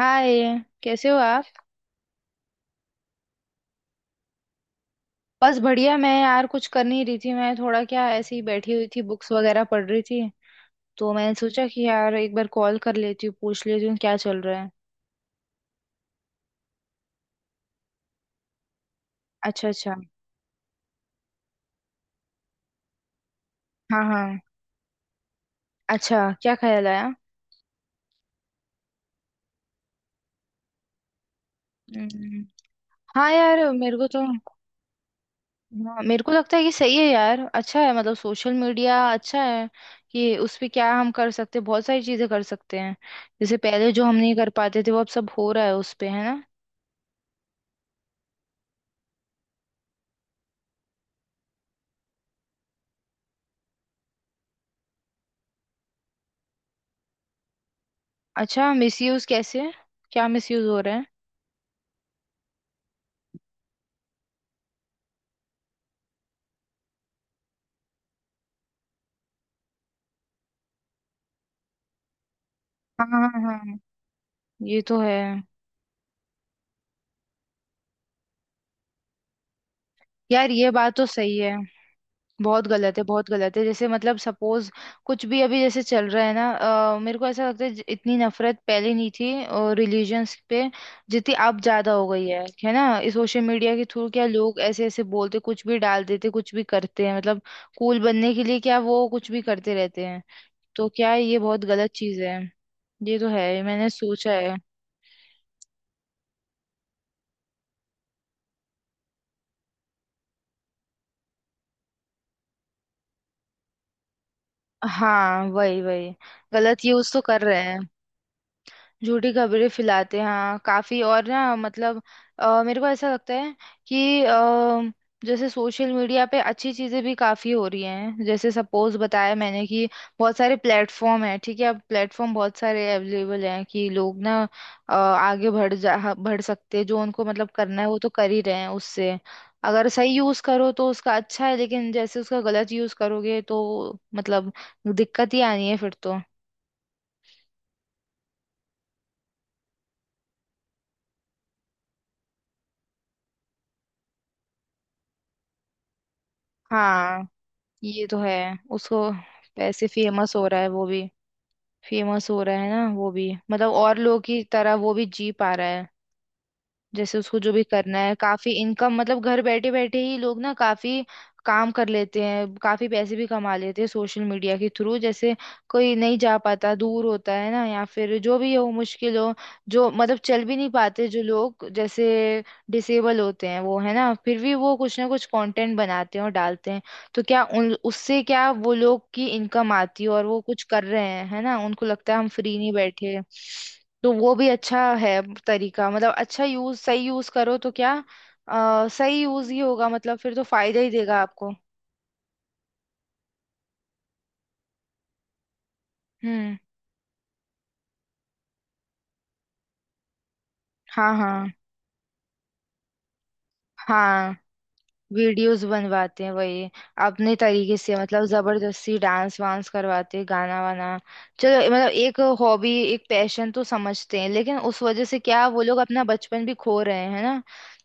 हाय। कैसे हो आप? बस बढ़िया। मैं यार कुछ कर नहीं रही थी। मैं थोड़ा क्या ऐसे ही बैठी हुई थी, बुक्स वगैरह पढ़ रही थी। तो मैंने सोचा कि यार एक बार कॉल कर लेती हूँ, पूछ लेती हूँ क्या चल रहा है। अच्छा अच्छा। हाँ हाँ। अच्छा, क्या ख्याल आया? हम्म, हाँ यार, मेरे को तो हाँ, मेरे को लगता है कि सही है यार, अच्छा है, मतलब सोशल मीडिया अच्छा है कि उस पे क्या हम कर सकते हैं, बहुत सारी चीजें कर सकते हैं। जैसे पहले जो हम नहीं कर पाते थे वो अब सब हो रहा है उस पे, है ना। अच्छा, मिसयूज कैसे? क्या मिसयूज हो रहा है? हाँ हाँ हाँ, ये तो है। यार ये बात तो सही है, बहुत गलत है, बहुत गलत है। जैसे मतलब सपोज, कुछ भी अभी जैसे चल रहा है ना, मेरे को ऐसा लगता है इतनी नफरत पहले नहीं थी रिलीजन्स पे, जितनी अब ज्यादा हो गई है ना। इस सोशल मीडिया के थ्रू क्या लोग ऐसे ऐसे बोलते, कुछ भी डाल देते, कुछ भी करते हैं मतलब कूल बनने के लिए क्या वो कुछ भी करते रहते हैं। तो क्या ये बहुत गलत चीज है। ये तो है, मैंने सोचा है। हाँ वही वही। गलत यूज तो कर रहे हैं, झूठी खबरें फैलाते हैं, हाँ काफी, और ना मतलब मेरे को ऐसा लगता है कि जैसे सोशल मीडिया पे अच्छी चीजें भी काफी हो रही हैं। जैसे सपोज बताया मैंने कि बहुत सारे प्लेटफॉर्म हैं, ठीक है, अब प्लेटफॉर्म बहुत सारे अवेलेबल हैं कि लोग ना आगे बढ़ जा बढ़ सकते हैं। जो उनको मतलब करना है वो तो कर ही रहे हैं उससे। अगर सही यूज करो तो उसका अच्छा है, लेकिन जैसे उसका गलत यूज करोगे तो मतलब दिक्कत ही आनी है फिर तो। हाँ ये तो है। उसको पैसे, फेमस हो रहा है वो भी, फेमस हो रहा है ना वो भी, मतलब और लोगों की तरह वो भी जी पा रहा है। जैसे उसको जो भी करना है, काफी इनकम मतलब घर बैठे बैठे ही लोग ना काफी काम कर लेते हैं, काफी पैसे भी कमा लेते हैं सोशल मीडिया के थ्रू। जैसे कोई नहीं जा पाता, दूर होता है ना, या फिर जो भी हो, मुश्किल हो, जो मतलब चल भी नहीं पाते जो लोग, जैसे डिसेबल होते हैं वो, है ना, फिर भी वो कुछ ना कुछ कंटेंट बनाते हैं और डालते हैं। तो क्या उन उससे क्या वो लोग की इनकम आती है और वो कुछ कर रहे हैं, है ना, उनको लगता है हम फ्री नहीं बैठे। तो वो भी अच्छा है तरीका, मतलब अच्छा यूज सही यूज करो तो क्या सही यूज ही होगा मतलब, फिर तो फायदा ही देगा आपको। हम्म। हाँ हाँ हाँ। वीडियोस बनवाते हैं वही, अपने तरीके से मतलब जबरदस्ती डांस वांस करवाते हैं, गाना वाना। चलो मतलब एक हॉबी एक पैशन तो समझते हैं, लेकिन उस वजह से क्या वो लोग अपना बचपन भी खो रहे हैं, है ना।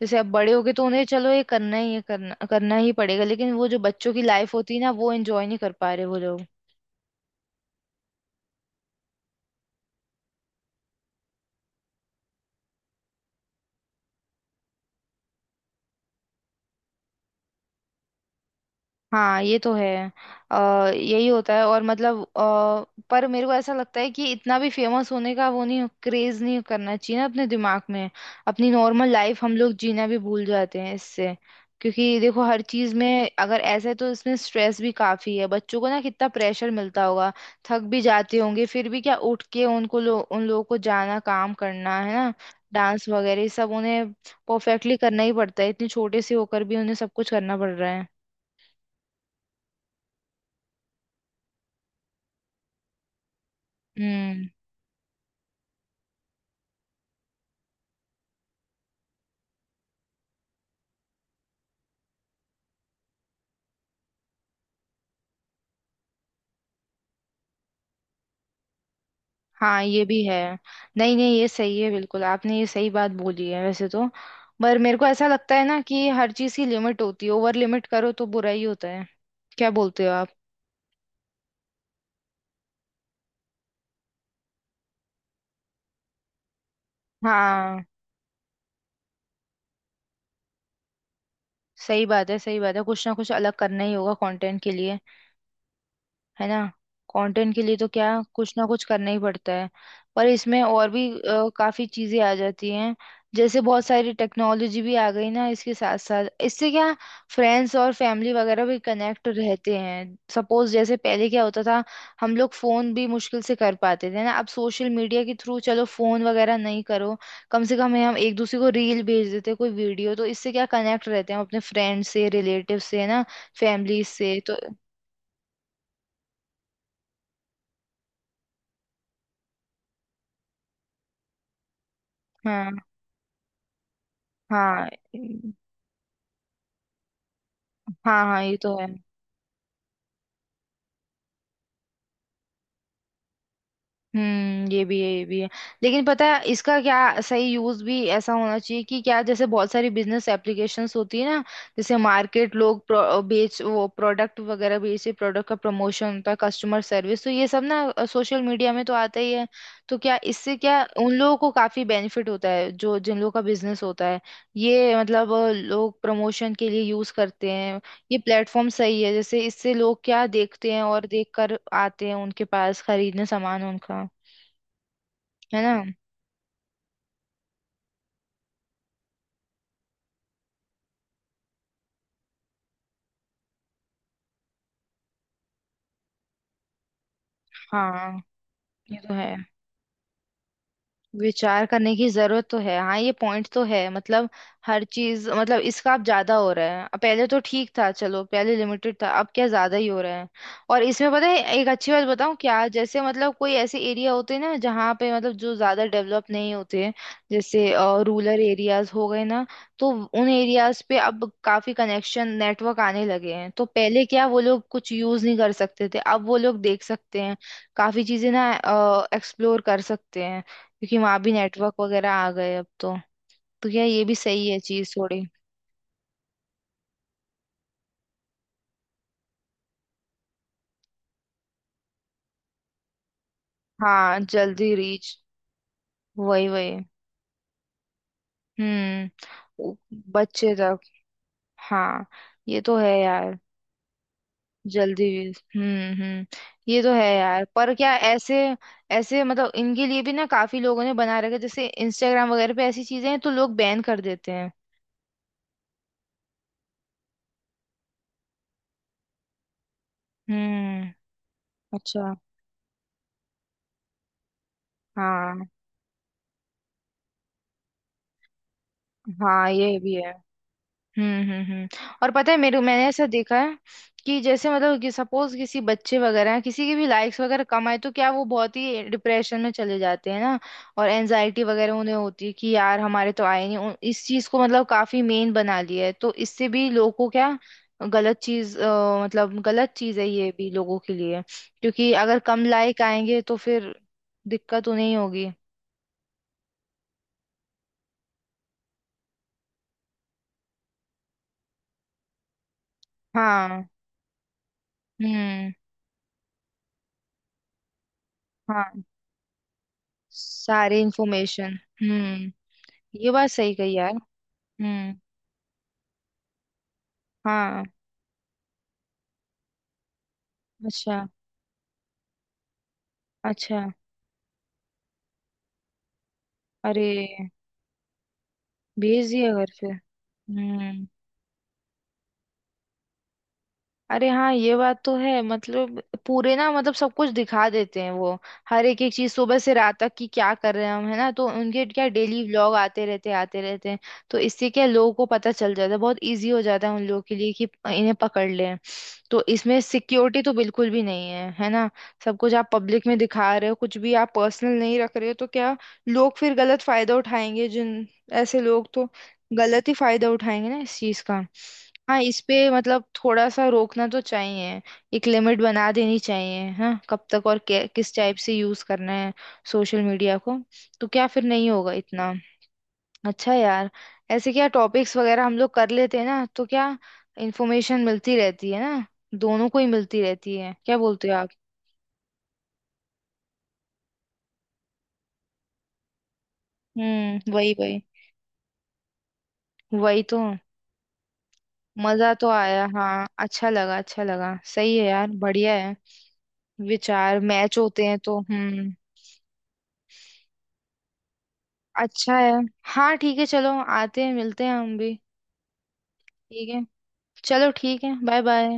जैसे अब बड़े हो गए तो उन्हें चलो ये करना ही है, करना करना ही पड़ेगा, लेकिन वो जो बच्चों की लाइफ होती है ना, वो एंजॉय नहीं कर पा रहे वो लोग। हाँ ये तो है। यही होता है और मतलब पर मेरे को ऐसा लगता है कि इतना भी फेमस होने का वो नहीं, क्रेज नहीं करना चाहिए ना अपने दिमाग में। अपनी नॉर्मल लाइफ हम लोग जीना भी भूल जाते हैं इससे। क्योंकि देखो हर चीज में अगर ऐसा है तो इसमें स्ट्रेस भी काफी है, बच्चों को ना कितना प्रेशर मिलता होगा, थक भी जाते होंगे, फिर भी क्या उठ के उनको लो, उन लोगों को जाना, काम करना है ना। डांस वगैरह ये सब उन्हें परफेक्टली करना ही पड़ता है, इतने छोटे से होकर भी उन्हें सब कुछ करना पड़ रहा है। हम्म। हाँ ये भी है। नहीं नहीं ये सही है, बिल्कुल आपने ये सही बात बोली है वैसे तो। पर मेरे को ऐसा लगता है ना कि हर चीज की लिमिट होती है, ओवर लिमिट करो तो बुरा ही होता है। क्या बोलते हो आप? हाँ सही बात है, सही बात है, कुछ ना कुछ अलग करना ही होगा कंटेंट के लिए, है ना। कंटेंट के लिए तो क्या कुछ ना कुछ करना ही पड़ता है। पर इसमें और भी काफी चीजें आ जाती हैं। जैसे बहुत सारी टेक्नोलॉजी भी आ गई ना इसके साथ साथ, इससे क्या फ्रेंड्स और फैमिली वगैरह भी कनेक्ट रहते हैं। सपोज जैसे पहले क्या होता था, हम लोग फोन भी मुश्किल से कर पाते थे ना, अब सोशल मीडिया के थ्रू चलो फोन वगैरह नहीं करो, कम से कम हम एक दूसरे को रील भेज देते, कोई वीडियो, तो इससे क्या कनेक्ट रहते हैं हम अपने फ्रेंड से, रिलेटिव से, है ना, फैमिली से तो। हाँ हाँ हाँ। हाँ ये तो है। ये भी है, ये भी है। लेकिन पता है इसका क्या सही यूज भी ऐसा होना चाहिए कि क्या, जैसे बहुत सारी बिजनेस एप्लीकेशंस होती है ना, जैसे मार्केट लोग प्रो, बेच, वो प्रोडक्ट वगैरह बेचे, प्रोडक्ट का प्रमोशन होता है, कस्टमर सर्विस, तो ये सब ना सोशल मीडिया में तो आता ही है। तो क्या इससे क्या उन लोगों को काफी बेनिफिट होता है जो जिन लोगों का बिजनेस होता है। ये मतलब लोग प्रमोशन के लिए यूज करते हैं ये प्लेटफॉर्म, सही है। जैसे इससे लोग क्या देखते हैं और देख कर आते हैं उनके पास खरीदने सामान उनका, है ना। हाँ ये तो है। विचार करने की जरूरत तो है, हाँ ये पॉइंट तो है मतलब। हर चीज मतलब इसका अब ज्यादा हो रहा है, अब पहले तो ठीक था, चलो पहले लिमिटेड था, अब क्या ज्यादा ही हो रहा है। और इसमें पता है एक अच्छी बात बताऊं क्या, जैसे मतलब कोई ऐसे एरिया होते हैं ना जहाँ पे मतलब जो ज्यादा डेवलप नहीं होते हैं, जैसे रूरल एरियाज हो गए ना, तो उन एरियाज पे अब काफी कनेक्शन नेटवर्क आने लगे हैं। तो पहले क्या वो लोग कुछ यूज नहीं कर सकते थे, अब वो लोग देख सकते हैं काफी चीजें ना, एक्सप्लोर कर सकते हैं, क्योंकि वहां भी नेटवर्क वगैरह आ गए अब तो। तो क्या ये भी सही है चीज, थोड़ी। हाँ जल्दी रीच। वही वही। हम्म। उ- बच्चे तक। हाँ ये तो है यार, जल्दी रीच। हम्म। ये तो है यार, पर क्या ऐसे ऐसे मतलब इनके लिए भी ना काफी लोगों ने बना रखा है, जैसे इंस्टाग्राम वगैरह पे ऐसी चीजें हैं तो लोग बैन कर देते हैं। हम्म। अच्छा। हाँ हाँ ये भी है। हम्म। और पता है मेरे, मैंने ऐसा देखा है कि जैसे मतलब कि सपोज किसी बच्चे वगैरह हैं, किसी के भी लाइक्स वगैरह कम आए तो क्या वो बहुत ही डिप्रेशन में चले जाते हैं ना, और एनजाइटी वगैरह उन्हें होती है कि यार हमारे तो आए नहीं, इस चीज को मतलब काफी मेन बना लिया है तो इससे भी लोगों को क्या गलत चीज मतलब गलत चीज है ये भी लोगों के लिए, क्योंकि अगर कम लाइक आएंगे तो फिर दिक्कत उन्हें ही होगी। हाँ। हम्म। हाँ, सारी इंफॉर्मेशन। हम्म, ये बात सही कही यार। हम्म। हाँ। अच्छा, अच्छा। अरे, भेज दिया घर फिर, हम्म। अरे हाँ ये बात तो है, मतलब पूरे ना मतलब सब कुछ दिखा देते हैं वो, हर एक एक चीज सुबह से रात तक की क्या कर रहे हैं हम, है ना, तो उनके क्या डेली व्लॉग आते रहते हैं। तो इससे क्या लोगों को पता चल जाता है, बहुत इजी हो जाता है उन लोगों के लिए कि इन्हें पकड़ लें। तो इसमें सिक्योरिटी तो बिल्कुल भी नहीं है, है ना। सब कुछ आप पब्लिक में दिखा रहे हो, कुछ भी आप पर्सनल नहीं रख रहे हो, तो क्या लोग फिर गलत फायदा उठाएंगे जिन, ऐसे लोग तो गलत ही फायदा उठाएंगे ना इस चीज का। हाँ इस पे मतलब थोड़ा सा रोकना तो चाहिए, एक लिमिट बना देनी चाहिए हाँ, कब तक और किस टाइप से यूज करना है सोशल मीडिया को, तो क्या फिर नहीं होगा इतना। अच्छा यार ऐसे क्या टॉपिक्स वगैरह हम लोग कर लेते हैं ना, तो क्या इंफॉर्मेशन मिलती रहती है ना, दोनों को ही मिलती रहती है। क्या बोलते हो आप? वही वही, वही तो। मजा तो आया हाँ, अच्छा लगा, अच्छा लगा, सही है यार, बढ़िया है। विचार मैच होते हैं तो हम्म। अच्छा है। हाँ ठीक है चलो, आते हैं मिलते हैं हम भी। ठीक है। चलो ठीक है, बाय बाय।